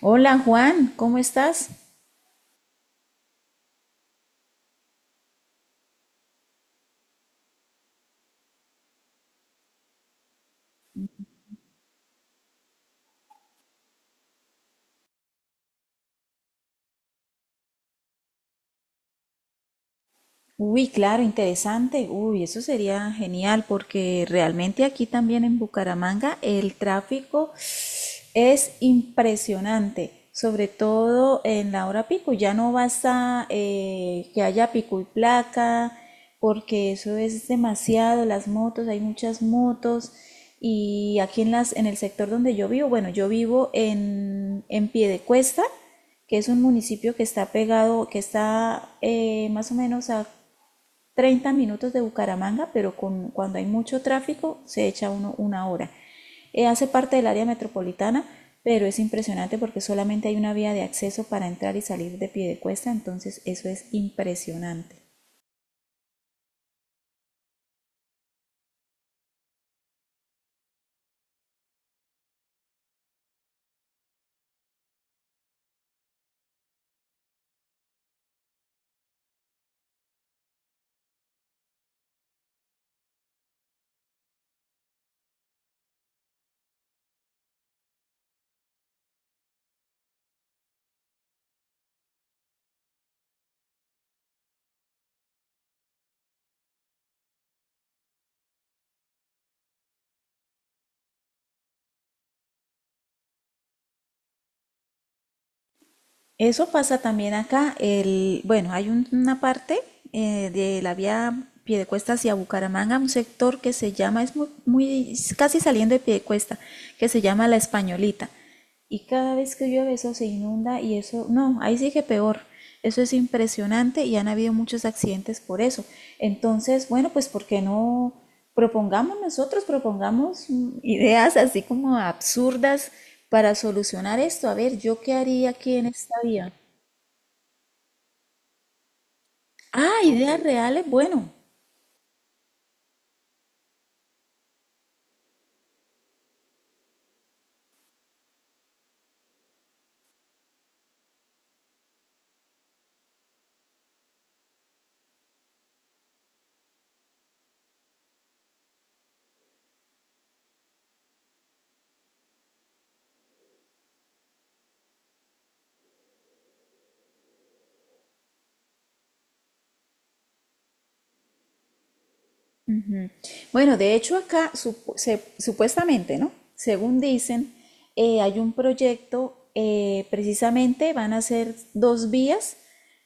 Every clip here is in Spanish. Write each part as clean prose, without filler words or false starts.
Hola Juan, ¿cómo estás? Uy, claro, interesante. Uy, eso sería genial porque realmente aquí también en Bucaramanga el tráfico es impresionante, sobre todo en la hora pico. Ya no basta que haya pico y placa, porque eso es demasiado. Las motos, hay muchas motos. Y aquí en el sector donde yo vivo, bueno, yo vivo en Piedecuesta, que es un municipio que está pegado, que está más o menos a 30 minutos de Bucaramanga, pero cuando hay mucho tráfico se echa uno una hora. Hace parte del área metropolitana, pero es impresionante porque solamente hay una vía de acceso para entrar y salir de Piedecuesta, entonces eso es impresionante. Eso pasa también acá. Bueno, hay una parte de la vía Piedecuesta hacia Bucaramanga, un sector que se llama, es casi saliendo de Piedecuesta, que se llama La Españolita. Y cada vez que llueve eso se inunda y eso, no, ahí sí que peor. Eso es impresionante y han habido muchos accidentes por eso. Entonces, bueno, pues ¿por qué no? Propongamos nosotros, propongamos ideas así como absurdas para solucionar esto. A ver, ¿yo qué haría aquí en esta vía? Ah, ideas reales, bueno. Bueno, de hecho acá supuestamente, ¿no? Según dicen, hay un proyecto, precisamente van a ser dos vías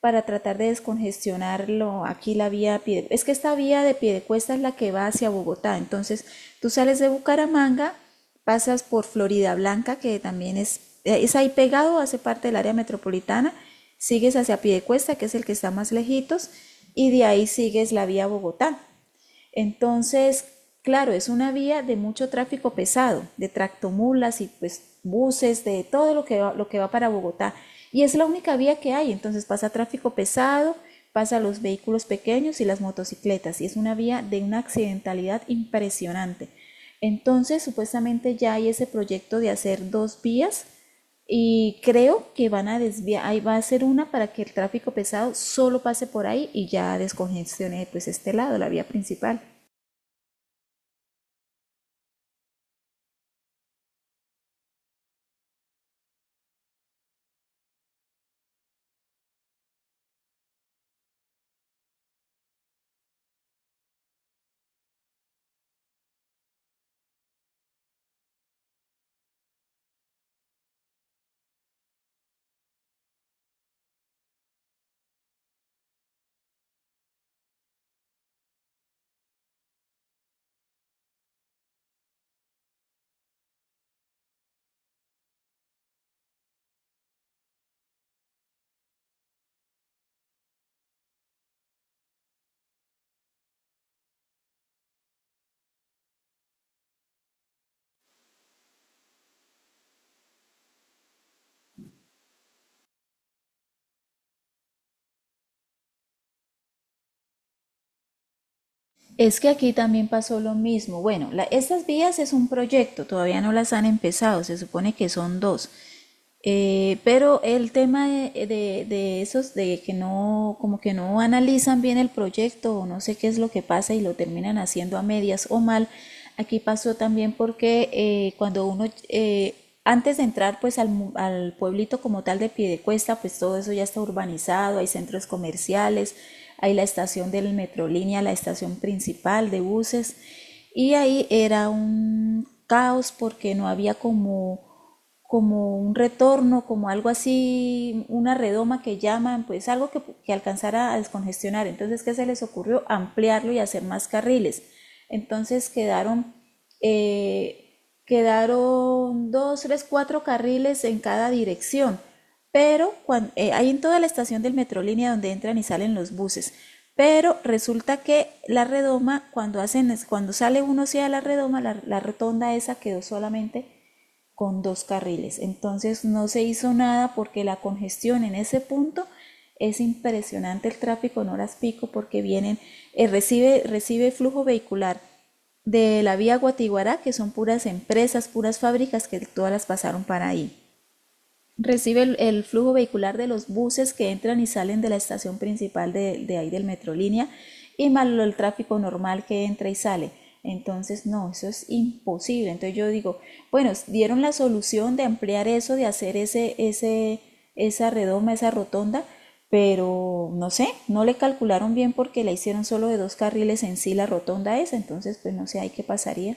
para tratar de descongestionarlo. Aquí la vía Piede- Es que esta vía de Piedecuesta es la que va hacia Bogotá. Entonces, tú sales de Bucaramanga, pasas por Florida Blanca, que también es ahí pegado, hace parte del área metropolitana, sigues hacia Piedecuesta, que es el que está más lejitos, y de ahí sigues la vía Bogotá. Entonces, claro, es una vía de mucho tráfico pesado, de tractomulas y pues buses, de todo lo que va para Bogotá. Y es la única vía que hay, entonces pasa tráfico pesado, pasa los vehículos pequeños y las motocicletas, y es una vía de una accidentalidad impresionante. Entonces, supuestamente ya hay ese proyecto de hacer dos vías y creo que van a desviar, ahí va a ser una para que el tráfico pesado solo pase por ahí y ya descongestione pues este lado, la vía principal. Es que aquí también pasó lo mismo. Bueno, estas vías es un proyecto, todavía no las han empezado, se supone que son dos. Pero el tema de esos, de que no, como que no analizan bien el proyecto o no sé qué es lo que pasa y lo terminan haciendo a medias o mal, aquí pasó también porque cuando uno antes de entrar pues al pueblito como tal de Piedecuesta, pues todo eso ya está urbanizado, hay centros comerciales, hay la estación del Metrolínea, la estación principal de buses, y ahí era un caos porque no había como un retorno, como algo así, una redoma que llaman, pues algo que alcanzara a descongestionar. Entonces, ¿qué se les ocurrió? Ampliarlo y hacer más carriles. Entonces quedaron dos, tres, cuatro carriles en cada dirección, pero cuando, hay en toda la estación del Metrolínea donde entran y salen los buses. Pero resulta que la redoma, cuando sale uno hacia la redoma, la rotonda esa quedó solamente con dos carriles. Entonces no se hizo nada porque la congestión en ese punto es impresionante el tráfico en horas pico porque vienen, recibe flujo vehicular de la vía Guatiguará, que son puras empresas, puras fábricas que todas las pasaron para ahí. Recibe el flujo vehicular de los buses que entran y salen de la estación principal de ahí del Metrolínea y más el tráfico normal que entra y sale. Entonces, no, eso es imposible. Entonces yo digo, bueno, dieron la solución de ampliar eso, de hacer esa redoma, esa rotonda, pero no sé, no le calcularon bien porque la hicieron solo de dos carriles en sí la rotonda esa. Entonces, pues no sé, ahí qué pasaría.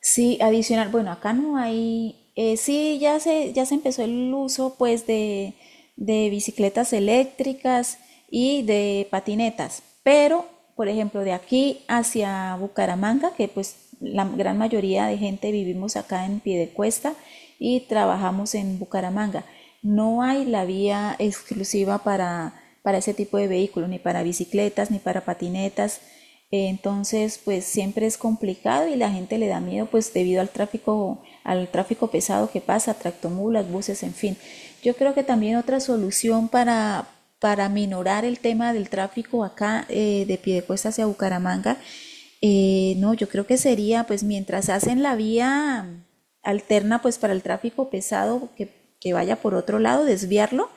Sí, adicional, bueno, acá no hay, sí, ya se empezó el uso pues de bicicletas eléctricas y de patinetas, pero por ejemplo de aquí hacia Bucaramanga, que pues la gran mayoría de gente vivimos acá en Piedecuesta y trabajamos en Bucaramanga, no hay la vía exclusiva para ese tipo de vehículos, ni para bicicletas, ni para patinetas, entonces, pues siempre es complicado y la gente le da miedo, pues debido al tráfico pesado que pasa, tractomulas, buses, en fin. Yo creo que también otra solución para minorar el tema del tráfico acá de Piedecuesta hacia Bucaramanga, no, yo creo que sería, pues mientras hacen la vía alterna, pues para el tráfico pesado que vaya por otro lado, desviarlo,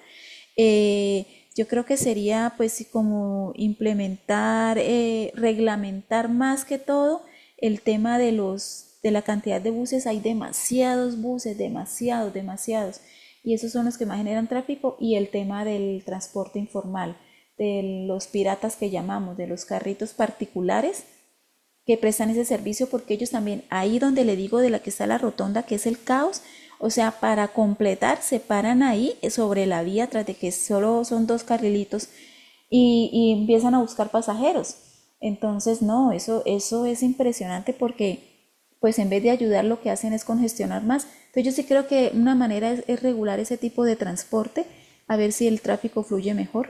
eh, yo creo que sería pues sí, como implementar, reglamentar más que todo el tema de los de la cantidad de buses. Hay demasiados buses, demasiados, demasiados. Y esos son los que más generan tráfico y el tema del transporte informal, de los piratas que llamamos, de los carritos particulares que prestan ese servicio porque ellos también, ahí donde le digo de la que está la rotonda, que es el caos, o sea, para completar, se paran ahí sobre la vía tras de que solo son dos carrilitos y empiezan a buscar pasajeros. Entonces, no, eso es impresionante porque pues en vez de ayudar lo que hacen es congestionar más. Entonces yo sí creo que una manera es regular ese tipo de transporte, a ver si el tráfico fluye mejor.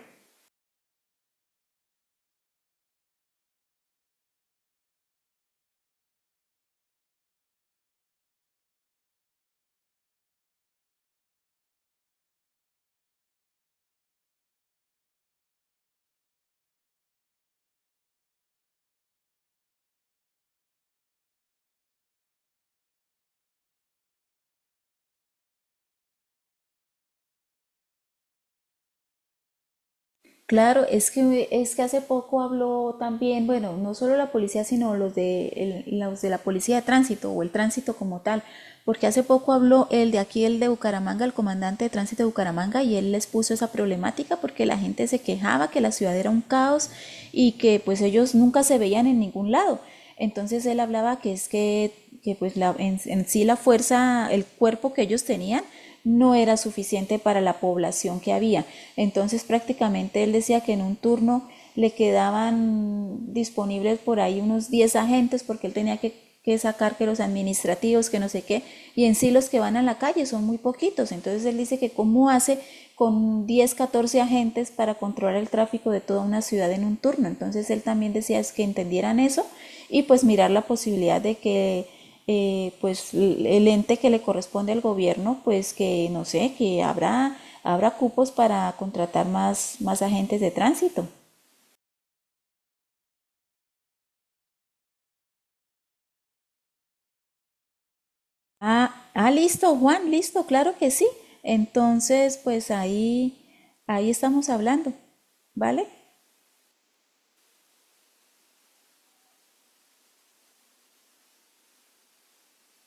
Claro, es que hace poco habló también, bueno, no solo la policía, sino los de la policía de tránsito o el tránsito como tal, porque hace poco habló el de aquí, el de Bucaramanga, el comandante de tránsito de Bucaramanga, y él les puso esa problemática porque la gente se quejaba que la ciudad era un caos y que pues ellos nunca se veían en ningún lado. Entonces él hablaba que es que pues en sí la fuerza, el cuerpo que ellos tenían no era suficiente para la población que había. Entonces prácticamente él decía que en un turno le quedaban disponibles por ahí unos 10 agentes porque él tenía que sacar que los administrativos, que no sé qué, y en sí los que van a la calle son muy poquitos. Entonces él dice que cómo hace con 10 14 agentes para controlar el tráfico de toda una ciudad en un turno. Entonces él también decía es que entendieran eso y pues mirar la posibilidad de que pues el ente que le corresponde al gobierno pues que no sé que habrá cupos para contratar más agentes de tránsito. Listo Juan, listo, claro que sí. Entonces pues ahí estamos hablando. Vale.